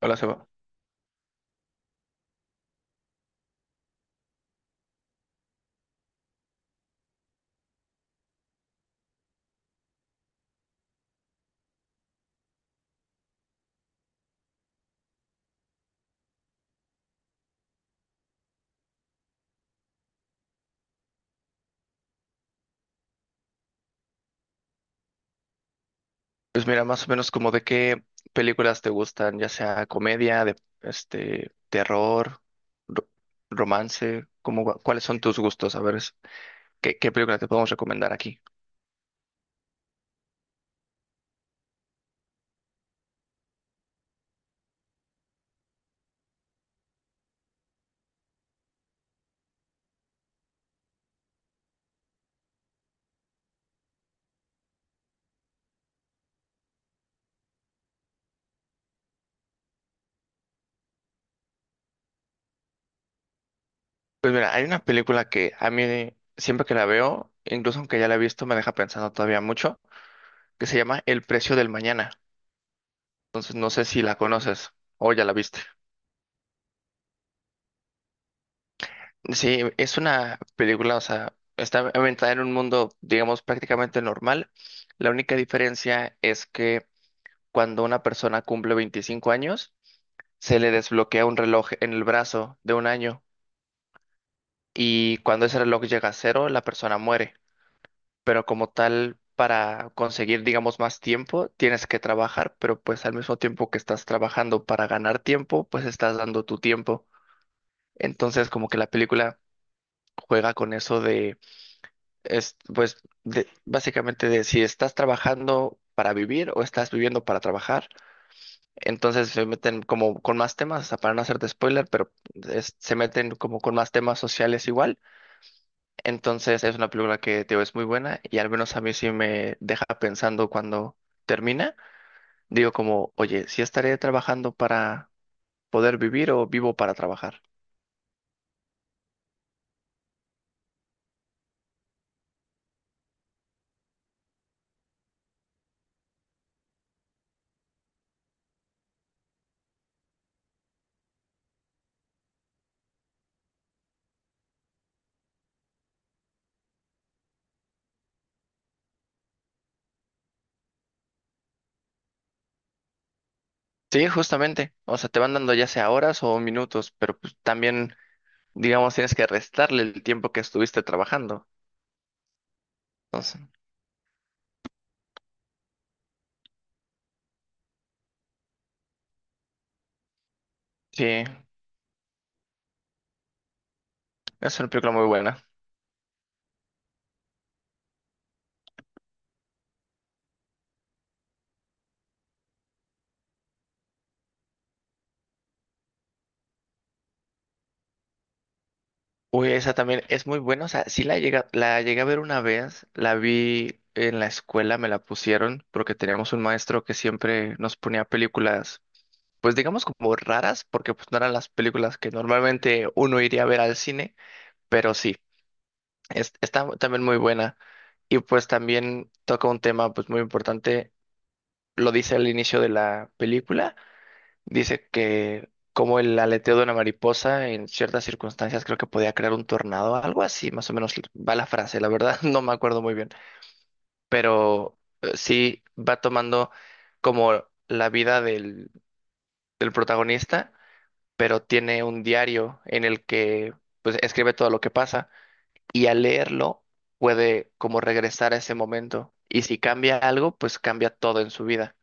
Hola, Seba. Pues mira, más o menos como de qué películas te gustan, ya sea comedia, de terror, ro- romance, como cuáles son tus gustos, a ver qué película te podemos recomendar aquí. Pues mira, hay una película que a mí siempre que la veo, incluso aunque ya la he visto, me deja pensando todavía mucho, que se llama El precio del mañana. Entonces no sé si la conoces o ya la viste. Sí, es una película, o sea, está ambientada en un mundo, digamos, prácticamente normal. La única diferencia es que cuando una persona cumple 25 años, se le desbloquea un reloj en el brazo de un año y cuando ese reloj llega a cero, la persona muere. Pero como tal, para conseguir, digamos, más tiempo, tienes que trabajar, pero pues al mismo tiempo que estás trabajando para ganar tiempo, pues estás dando tu tiempo. Entonces, como que la película juega con eso. Es, pues, básicamente de si estás trabajando para vivir o estás viviendo para trabajar, entonces se meten como con más temas, o sea, para no hacerte spoiler, pero se meten como con más temas sociales igual. Entonces es una película que, te digo, es muy buena y al menos a mí sí me deja pensando cuando termina. Digo como, oye, ¿si estaré trabajando para poder vivir o vivo para trabajar? Sí, justamente. O sea, te van dando ya sea horas o minutos, pero pues, también. Digamos, tienes que restarle el tiempo que estuviste trabajando. Entonces, sí, es una película muy buena. Uy, esa también es muy buena. O sea, sí la llegué a ver una vez, la vi en la escuela, me la pusieron porque teníamos un maestro que siempre nos ponía películas, pues digamos como raras, porque pues no eran las películas que normalmente uno iría a ver al cine, pero sí, está también muy buena. Y pues también toca un tema pues muy importante, lo dice al inicio de la película. Dice que como el aleteo de una mariposa en ciertas circunstancias creo que podía crear un tornado, algo así, más o menos va la frase, la verdad no me acuerdo muy bien, pero sí va tomando como la vida del protagonista, pero tiene un diario en el que pues escribe todo lo que pasa y al leerlo puede como regresar a ese momento y si cambia algo, pues cambia todo en su vida.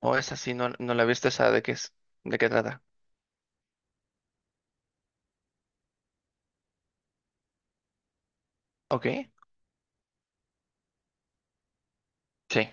O es así, no, no la he visto. ¿Esa de qué es, de qué trata? Ok, sí.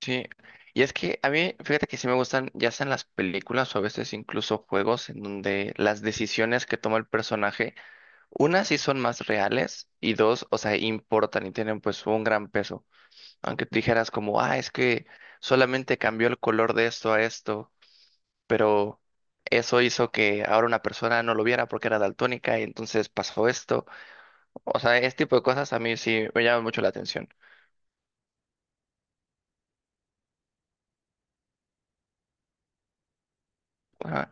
Sí, y es que a mí, fíjate que sí me gustan, ya sean las películas o a veces incluso juegos en donde las decisiones que toma el personaje, una sí son más reales y dos, o sea, importan y tienen pues un gran peso. Aunque tú dijeras como, ah, es que solamente cambió el color de esto a esto, pero eso hizo que ahora una persona no lo viera porque era daltónica y entonces pasó esto. O sea, este tipo de cosas a mí sí me llaman mucho la atención. Ajá.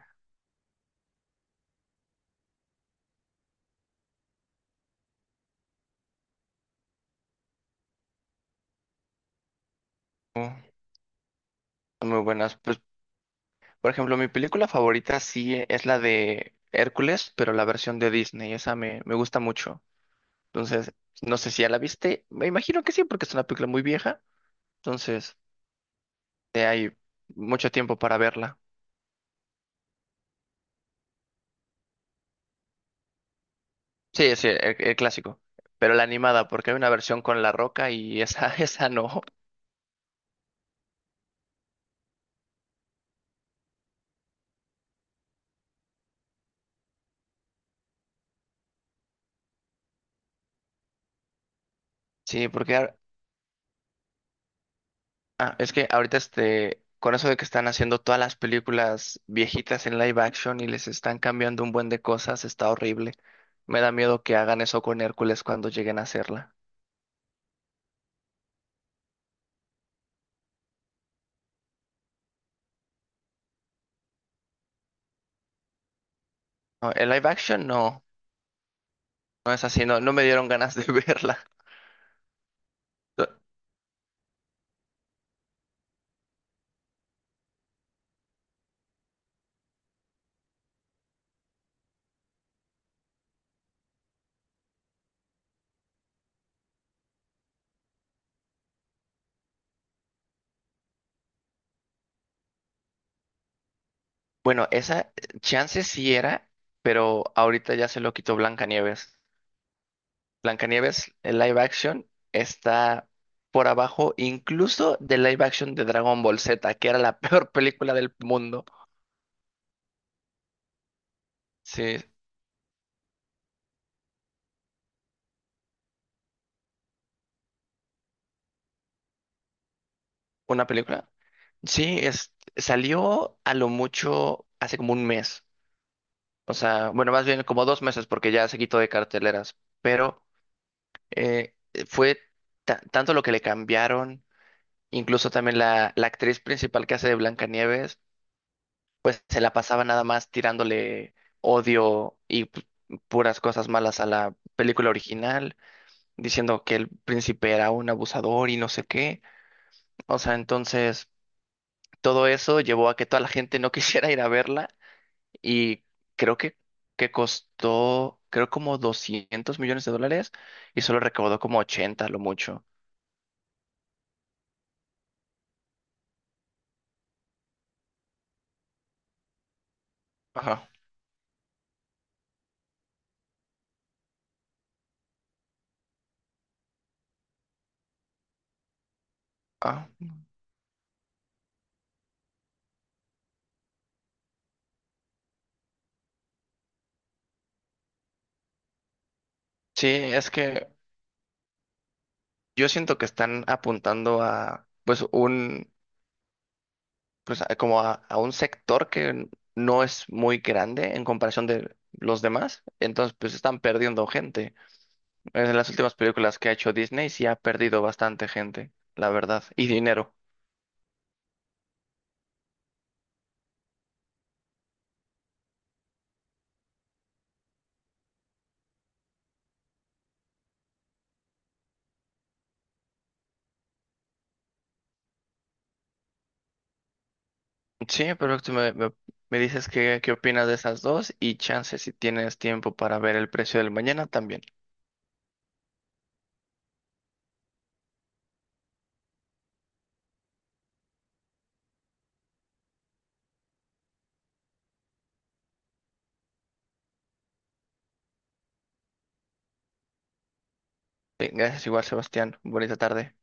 Mm. Muy buenas. Pues por ejemplo, mi película favorita sí es la de Hércules, pero la versión de Disney, esa me gusta mucho. Entonces, no sé si ya la viste, me imagino que sí, porque es una película muy vieja, entonces hay mucho tiempo para verla. Sí, sí, el clásico, pero la animada, porque hay una versión con La Roca y esa, esa no. Sí, porque ah, es que ahorita con eso de que están haciendo todas las películas viejitas en live action y les están cambiando un buen de cosas, está horrible. Me da miedo que hagan eso con Hércules cuando lleguen a hacerla. No, el live action no, no es así, no, no me dieron ganas de verla. No, bueno, esa chance sí era, pero ahorita ya se lo quitó Blancanieves. Blancanieves, el live action, está por abajo incluso del live action de Dragon Ball Z, que era la peor película del mundo. Sí, una película. Sí, es, salió a lo mucho hace como un mes. O sea, bueno, más bien como 2 meses porque ya se quitó de carteleras. Pero eh, fue tanto lo que le cambiaron, incluso también la actriz principal que hace de Blancanieves, pues se la pasaba nada más tirándole odio y puras cosas malas a la película original, diciendo que el príncipe era un abusador y no sé qué. O sea, entonces todo eso llevó a que toda la gente no quisiera ir a verla y creo que costó, creo como 200 millones de dólares y solo recaudó como 80 lo mucho. Ajá. Ah, sí, es que yo siento que están apuntando a, pues, un, pues, como a, un sector que no es muy grande en comparación de los demás, entonces, pues, están perdiendo gente. En las últimas películas que ha hecho Disney sí ha perdido bastante gente, la verdad, y dinero. Sí, pero tú me dices qué, opinas de esas dos y chance si tienes tiempo para ver el precio del mañana también. Bien, gracias igual, Sebastián. Bonita tarde.